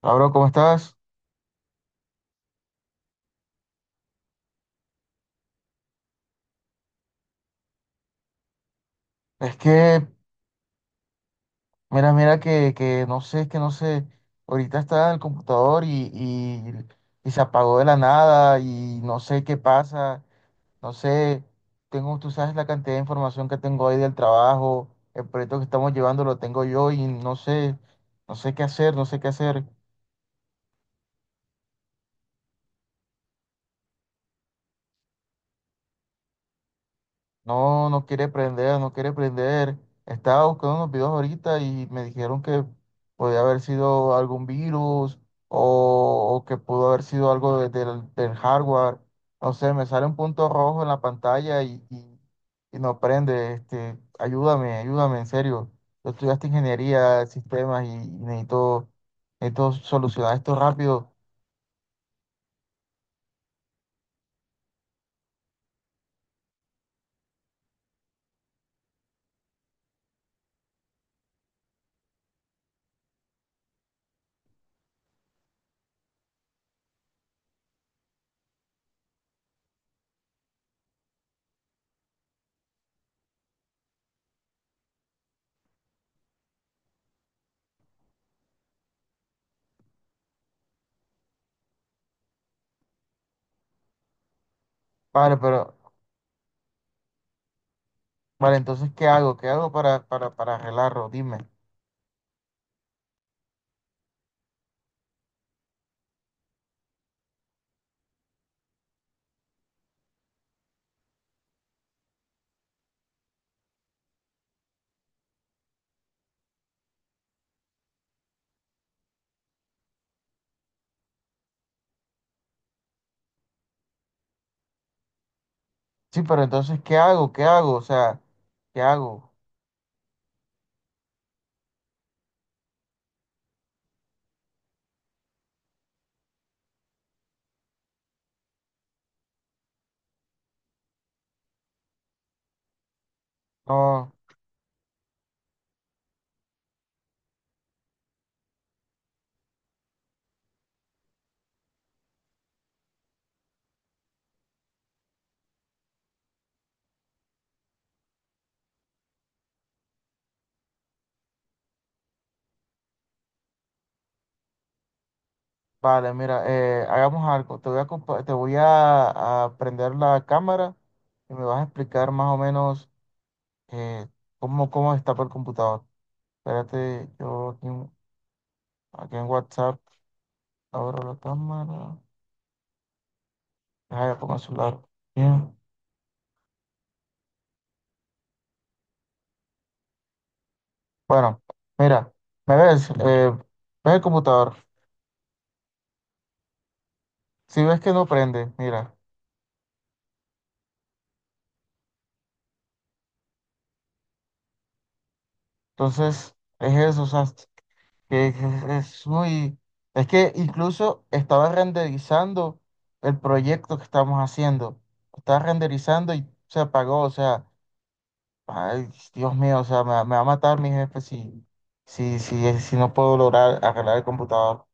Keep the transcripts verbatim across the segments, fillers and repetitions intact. Hola, bro, ¿cómo estás? Es que, mira, mira que, que no sé, es que no sé. Ahorita está en el computador y, y, y se apagó de la nada y no sé qué pasa. No sé, tengo, tú sabes la cantidad de información que tengo ahí del trabajo, el proyecto que estamos llevando lo tengo yo y no sé, no sé qué hacer, no sé qué hacer. No, no quiere prender, no quiere prender. Estaba buscando unos videos ahorita y me dijeron que podía haber sido algún virus o, o que pudo haber sido algo de- del, del hardware. No sé, me sale un punto rojo en la pantalla y, y- y no prende. Este, ayúdame, ayúdame, en serio. Yo estudiaste ingeniería de sistemas y, y necesito, necesito solucionar esto rápido. Vale, pero, vale, entonces, ¿qué hago? ¿Qué hago para, para, para arreglarlo? Dime. Sí, pero entonces, ¿qué hago? ¿Qué hago? O sea, ¿qué hago? No, vale, mira, eh, hagamos algo. Te voy a, compa- te voy a, a prender la cámara y me vas a explicar más o menos eh, cómo, cómo destapa el computador. Espérate, yo aquí, en aquí en WhatsApp abro la cámara. Deja, ya pongo el celular. Bien. Bueno, mira, ¿me ves? Eh, ¿ves el computador? Si ves que no prende, mira. Entonces, es eso, o sea, que es, es muy... Es que incluso estaba renderizando el proyecto que estamos haciendo. Estaba renderizando y se apagó. O sea, ay, Dios mío, o sea, me, va me va a matar mi jefe si, si, si, si no puedo lograr arreglar el computador.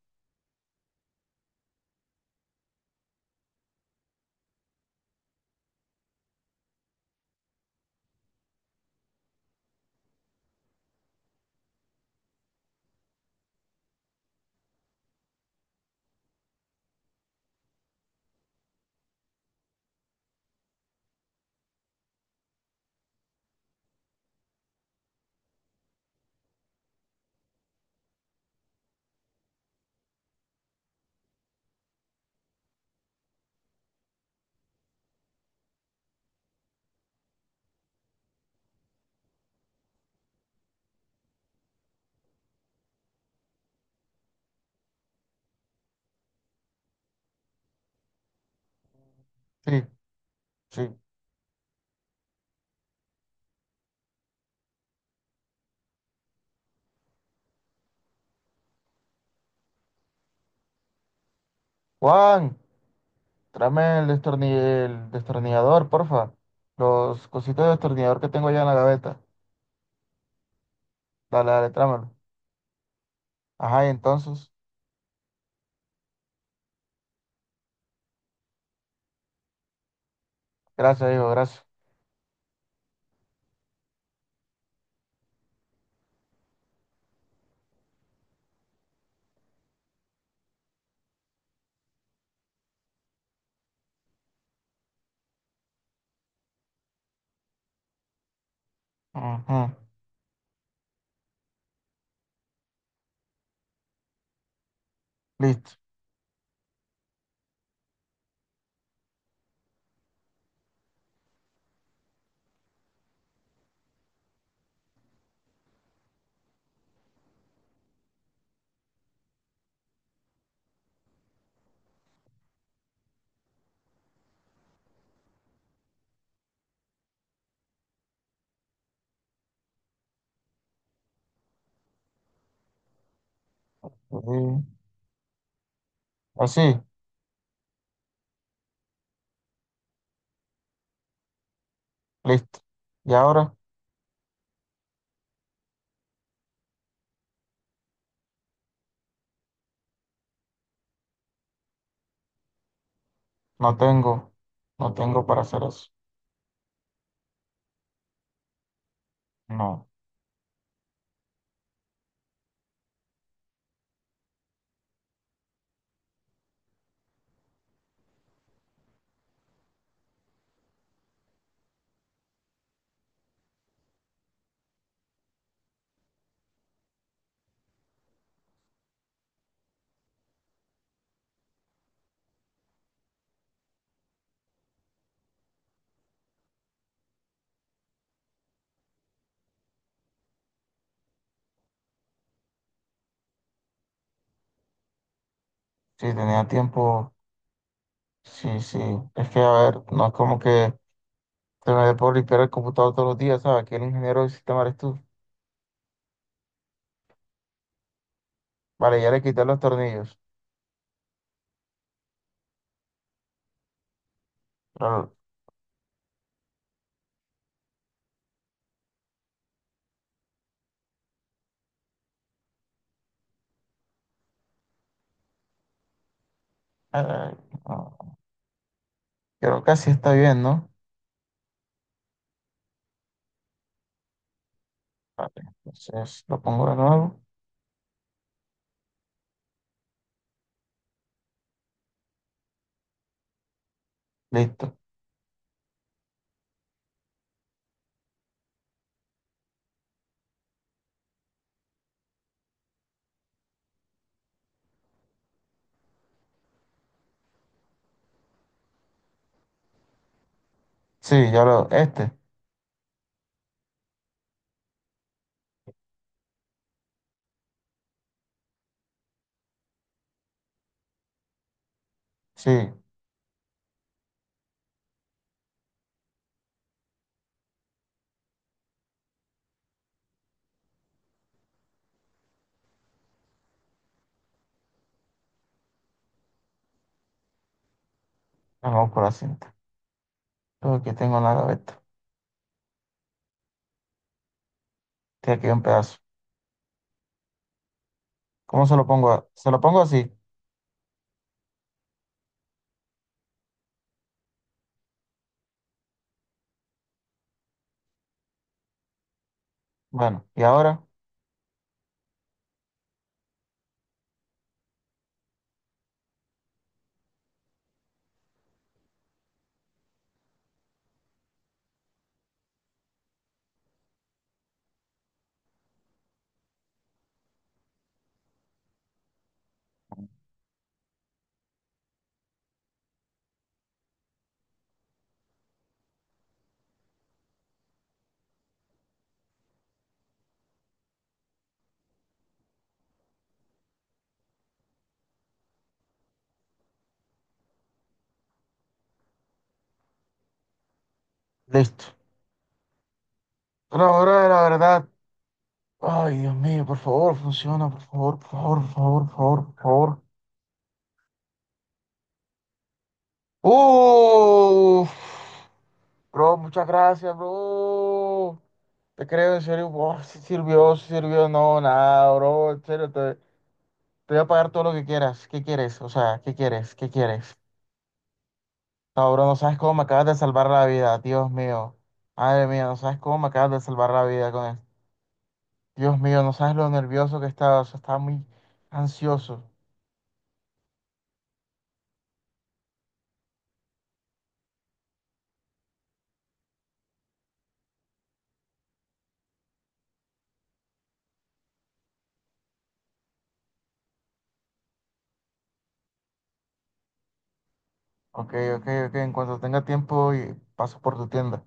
Sí, sí. Juan, tráeme el, destorni- el destornillador, porfa. Los cositos de destornillador que tengo allá en la gaveta. Dale, dale, tráemelo. Ajá, y entonces. Gracias, hijo, gracias. Ujú. Listo. Sí. Así, listo. Y ahora no tengo, no tengo para hacer eso. No, si tenía tiempo, sí, sí. Es que, a ver, no es como que te me dé por limpiar el computador todos los días, ¿sabes? Aquí el ingeniero del sistema eres tú. Vale, ya le quité los tornillos. Pero, eh, no, creo que así está bien, ¿no? Vale, entonces lo pongo de nuevo. Listo. Sí, ya lo, este, sí, vamos por la cinta. Pero aquí tengo una gaveta. Tiene aquí un pedazo. ¿Cómo se lo pongo? a- Se lo pongo así. Bueno, y ahora. Listo. Pero ahora la verdad. Ay, Dios mío, por favor, funciona, por favor, por favor, por favor, por favor, por favor. Uf, bro, muchas gracias, bro. Te creo, en serio, wow, si sirvió, si sirvió, no, nada, bro, en serio, te, te voy a pagar todo lo que quieras. ¿Qué quieres? O sea, ¿qué quieres? ¿Qué quieres? No, bro, no sabes cómo me acabas de salvar la vida, Dios mío. Madre mía, no sabes cómo me acabas de salvar la vida con esto. Dios mío, no sabes lo nervioso que estaba, o sea, estaba muy ansioso. Ok, ok, ok. En cuanto tenga tiempo y paso por tu tienda.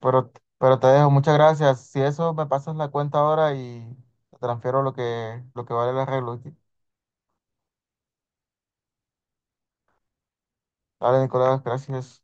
Pero, pero te dejo, muchas gracias. Si eso, me pasas la cuenta ahora y te transfiero lo que, lo que vale el arreglo. ¿Ok? Dale, Nicolás, gracias.